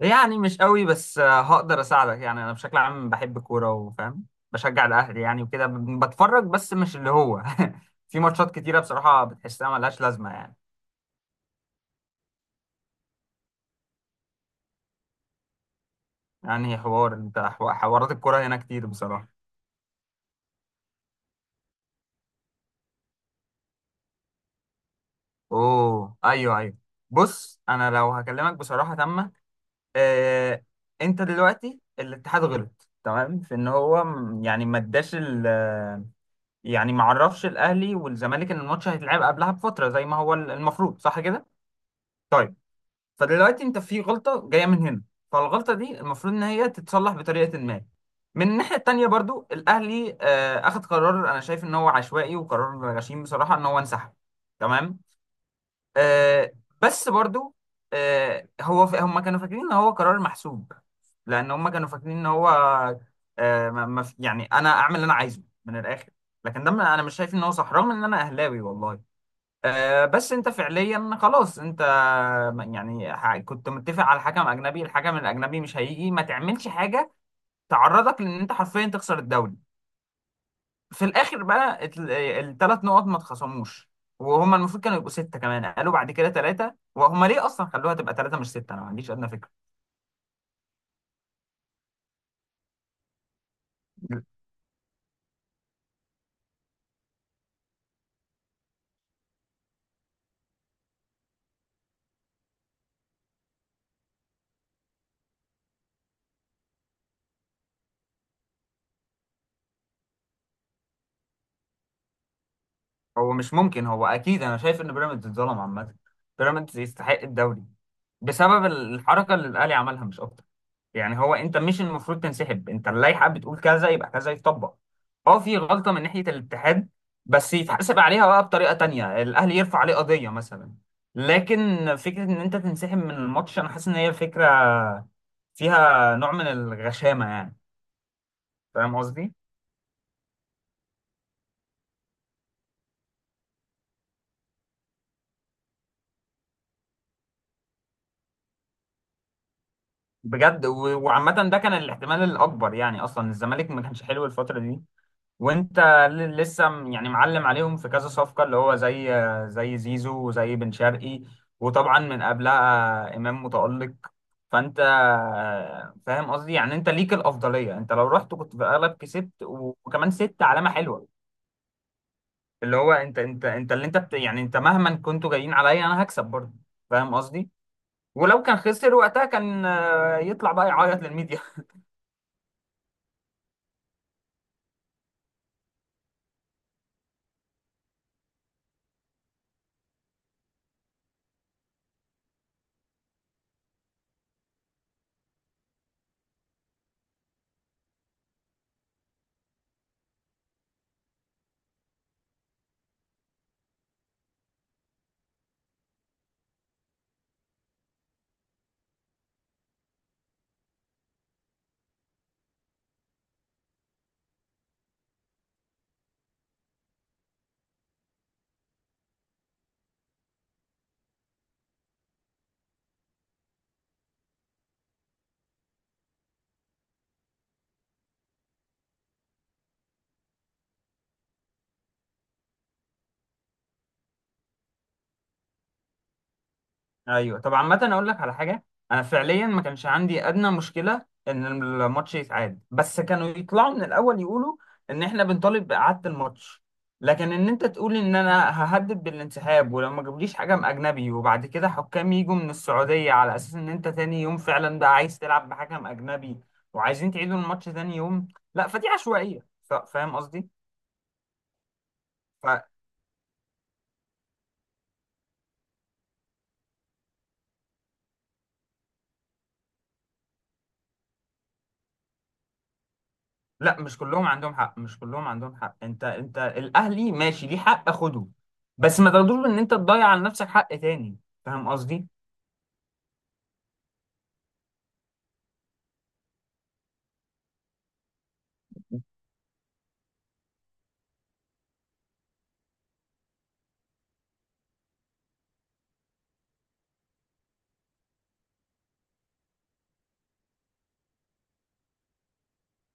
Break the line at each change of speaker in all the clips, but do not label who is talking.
يعني مش قوي بس هقدر اساعدك. يعني انا بشكل عام بحب الكوره وفاهم، بشجع الاهلي يعني وكده بتفرج، بس مش اللي هو. في ماتشات كتيره بصراحه بتحسها ملهاش لازمه يعني. يعني حوار انت حوارات الكوره هنا كتير بصراحه. اوه، ايوه، ايوه. بص، انا لو هكلمك بصراحه تامه. آه، انت دلوقتي الاتحاد غلط تمام في ان هو يعني ما اداش يعني ما عرفش الاهلي والزمالك ان الماتش هيتلعب قبلها بفتره زي ما هو المفروض، صح كده؟ طيب. فدلوقتي انت في غلطه جايه من هنا. فالغلطه دي المفروض ان هي تتصلح بطريقه ما. من الناحيه التانيه برضو الاهلي اخد قرار انا شايف ان هو عشوائي وقرار غشيم بصراحه ان هو انسحب. تمام. آه، بس برضو، هو هم كانوا فاكرين ان هو قرار محسوب. لان هم كانوا فاكرين ان هو، آه، ما- ما في- يعني انا اعمل اللي انا عايزه من الاخر. لكن ده، انا مش شايف ان هو صح رغم ان انا اهلاوي والله. بس انت فعليا خلاص انت، يعني كنت متفق على حكم اجنبي. الحكم الاجنبي مش هيجي، ما تعملش حاجه تعرضك لان انت حرفيا تخسر الدوري في الاخر بقى. الثلاث نقط ما اتخصموش، وهما المفروض كانوا يبقوا 6، كمان قالوا بعد كده 3. وهما ليه اصلا خلوها تبقى 3 مش 6؟ انا ما عنديش ادنى فكره. هو مش ممكن، هو اكيد انا شايف ان بيراميدز اتظلم عامه. بيراميدز يستحق الدوري، بسبب الحركه اللي الاهلي عملها مش اكتر. يعني هو انت مش المفروض تنسحب، انت اللائحه بتقول كذا يبقى كذا يتطبق. اه، في غلطه من ناحيه الاتحاد، بس يتحاسب عليها بقى بطريقه تانية، الاهلي يرفع عليه قضيه مثلا. لكن فكره ان انت تنسحب من الماتش، انا حاسس ان هي فكره فيها نوع من الغشامه يعني. فاهم قصدي؟ بجد. وعامه ده كان الاحتمال الاكبر، يعني اصلا الزمالك ما كانش حلو الفتره دي. وانت لسه يعني معلم عليهم في كذا صفقة اللي هو زي زيزو وزي بن شرقي. وطبعا من قبلها إمام متألق. فانت، فاهم قصدي؟ يعني انت ليك الأفضلية، انت لو رحت كنت في الأغلب كسبت، وكمان 6 علامة حلوة. اللي هو انت اللي انت بت يعني، انت مهما كنتوا جايين عليا انا هكسب برضه. فاهم قصدي؟ ولو كان خسر وقتها كان يطلع بقى يعيط للميديا. ايوه. طب عامة اقول لك على حاجة. انا فعليا ما كانش عندي ادنى مشكلة ان الماتش يتعاد، بس كانوا يطلعوا من الاول يقولوا ان احنا بنطالب باعادة الماتش. لكن ان انت تقول ان انا ههدد بالانسحاب ولو ما جابوليش حكم اجنبي، وبعد كده حكام يجوا من السعودية، على اساس ان انت تاني يوم فعلا بقى عايز تلعب بحكم اجنبي وعايزين تعيدوا الماتش تاني يوم، لا فدي عشوائية. فاهم قصدي؟ لا، مش كلهم عندهم حق، مش كلهم عندهم حق. انت، الاهلي ماشي ليه حق خده، بس ما تاخدوش ان انت تضيع على نفسك حق تاني. فاهم قصدي؟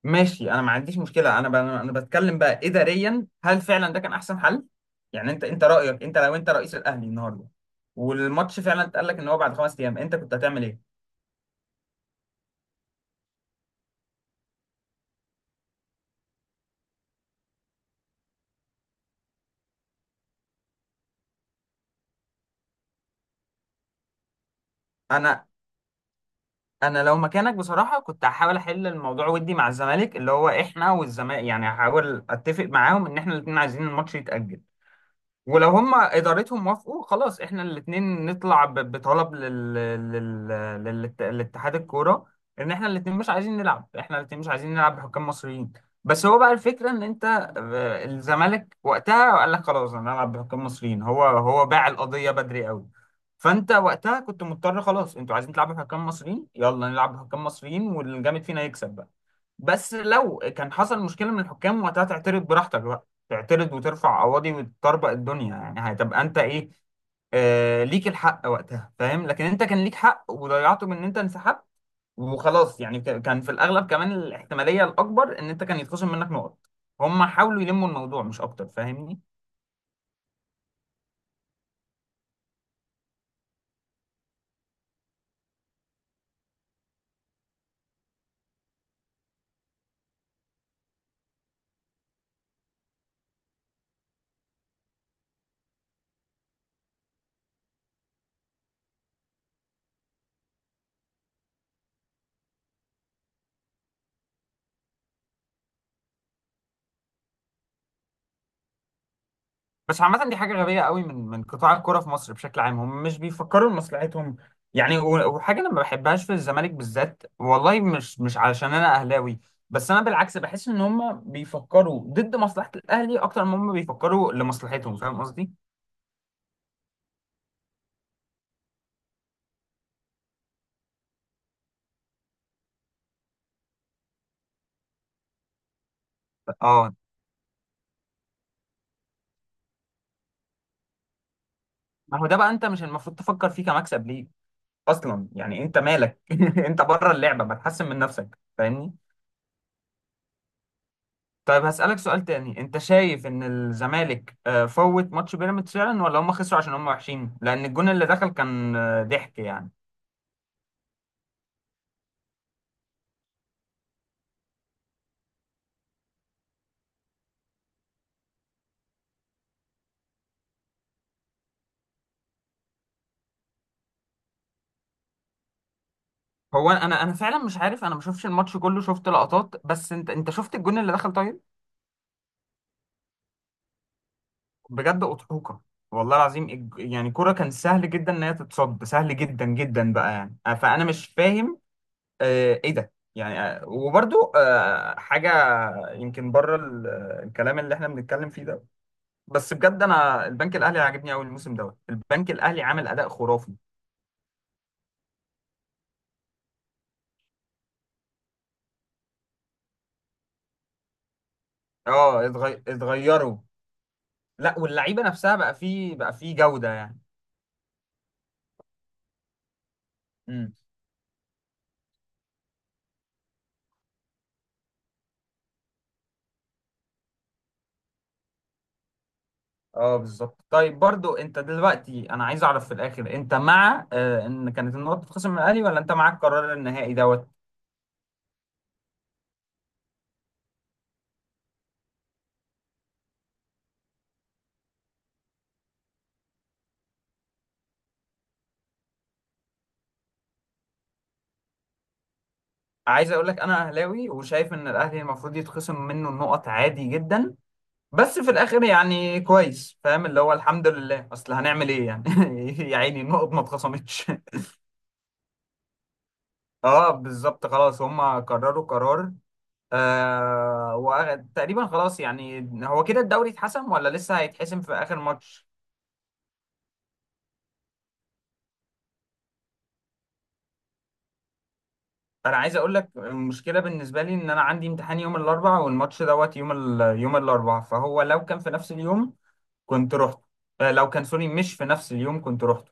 ماشي، انا ما عنديش مشكله. انا انا بتكلم بقى اداريا، هل فعلا ده كان احسن حل؟ يعني انت رايك، انت لو انت رئيس الاهلي النهارده والماتش فعلا اتقال لك ان هو بعد 5 ايام، انت كنت هتعمل ايه؟ انا، انا لو مكانك بصراحه كنت هحاول احل الموضوع ودي مع الزمالك، اللي هو احنا والزمالك يعني هحاول اتفق معاهم ان احنا الاثنين عايزين الماتش يتاجل. ولو هم ادارتهم وافقوا خلاص، احنا الاثنين نطلع بطلب لل... لاتحاد الكوره ان احنا الاثنين مش عايزين نلعب بحكام مصريين. بس هو بقى الفكره ان انت، الزمالك وقتها قال لك خلاص انا هلعب بحكام مصريين. هو باع القضيه بدري قوي. فانت وقتها كنت مضطر، خلاص انتوا عايزين تلعبوا بحكام مصريين، يلا نلعب بحكام مصريين والجامد فينا يكسب. بس لو كان حصل مشكله من الحكام وقتها، تعترض براحتك بقى، تعترض وترفع قواضي وتطربق الدنيا، يعني هتبقى انت ايه. آه، ليك الحق وقتها، فاهم؟ لكن انت كان ليك حق وضيعته من ان انت انسحبت وخلاص، يعني كان في الاغلب كمان الاحتماليه الاكبر ان انت كان يتخصم منك نقط. هم حاولوا يلموا الموضوع مش اكتر، فاهمني؟ بس عامة دي حاجة غبية قوي من قطاع الكرة في مصر بشكل عام، هم مش بيفكروا لمصلحتهم. يعني وحاجة أنا ما بحبهاش في الزمالك بالذات والله، مش علشان أنا أهلاوي. بس أنا بالعكس بحس إن هم بيفكروا ضد مصلحة الأهلي أكتر ما هم بيفكروا لمصلحتهم، فاهم قصدي؟ أه. ما هو ده بقى أنت مش المفروض تفكر فيه كمكسب ليه أصلا. يعني أنت مالك، أنت بره اللعبة بتحسن من نفسك، فاهمني؟ طيب، هسألك سؤال تاني. انت شايف ان الزمالك فوت ماتش بيراميدز فعلا، ولا هم خسروا عشان هم وحشين؟ لان الجون اللي دخل كان ضحك يعني. هو انا فعلا مش عارف، انا ما شفتش الماتش كله، شفت لقطات بس. انت شفت الجون اللي دخل، طيب؟ بجد اضحوكه. والله العظيم، يعني كرة كان سهل جدا ان هي تتصد، سهل جدا جدا بقى يعني. فانا مش فاهم ايه ده يعني. وبرضو حاجة يمكن بره الكلام اللي احنا بنتكلم فيه ده. بس بجد، انا البنك الاهلي عاجبني قوي الموسم دوت. البنك الاهلي عامل اداء خرافي. اه، اتغيروا. لا، واللعيبه نفسها بقى فيه جوده يعني. امم. اه، بالظبط. طيب، برضو انت دلوقتي انا عايز اعرف في الاخر، انت مع ان كانت النقط تتخصم من الاهلي، ولا انت معاك قرار النهائي دوت؟ عايز اقول لك، انا اهلاوي وشايف ان الاهلي المفروض يتخصم منه النقط عادي جدا. بس في الاخر يعني كويس، فاهم اللي هو الحمد لله. اصل هنعمل ايه يعني؟ يا عيني، النقط ما اتخصمتش. اه بالظبط، خلاص هم قرروا قرار. وتقريبا خلاص يعني، هو كده الدوري اتحسم، ولا لسه هيتحسم في اخر ماتش؟ انا عايز اقول لك، المشكله بالنسبه لي ان انا عندي امتحان يوم الاربعاء، والماتش دوت يوم الاربعاء. فهو لو كان في نفس اليوم كنت رحت. لو كان، سوري، مش في نفس اليوم كنت رحت.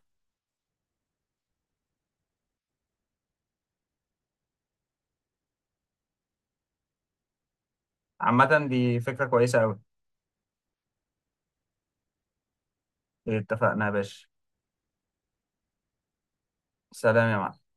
عامه دي فكره كويسه قوي. اتفقنا يا باشا. سلام يا معلم.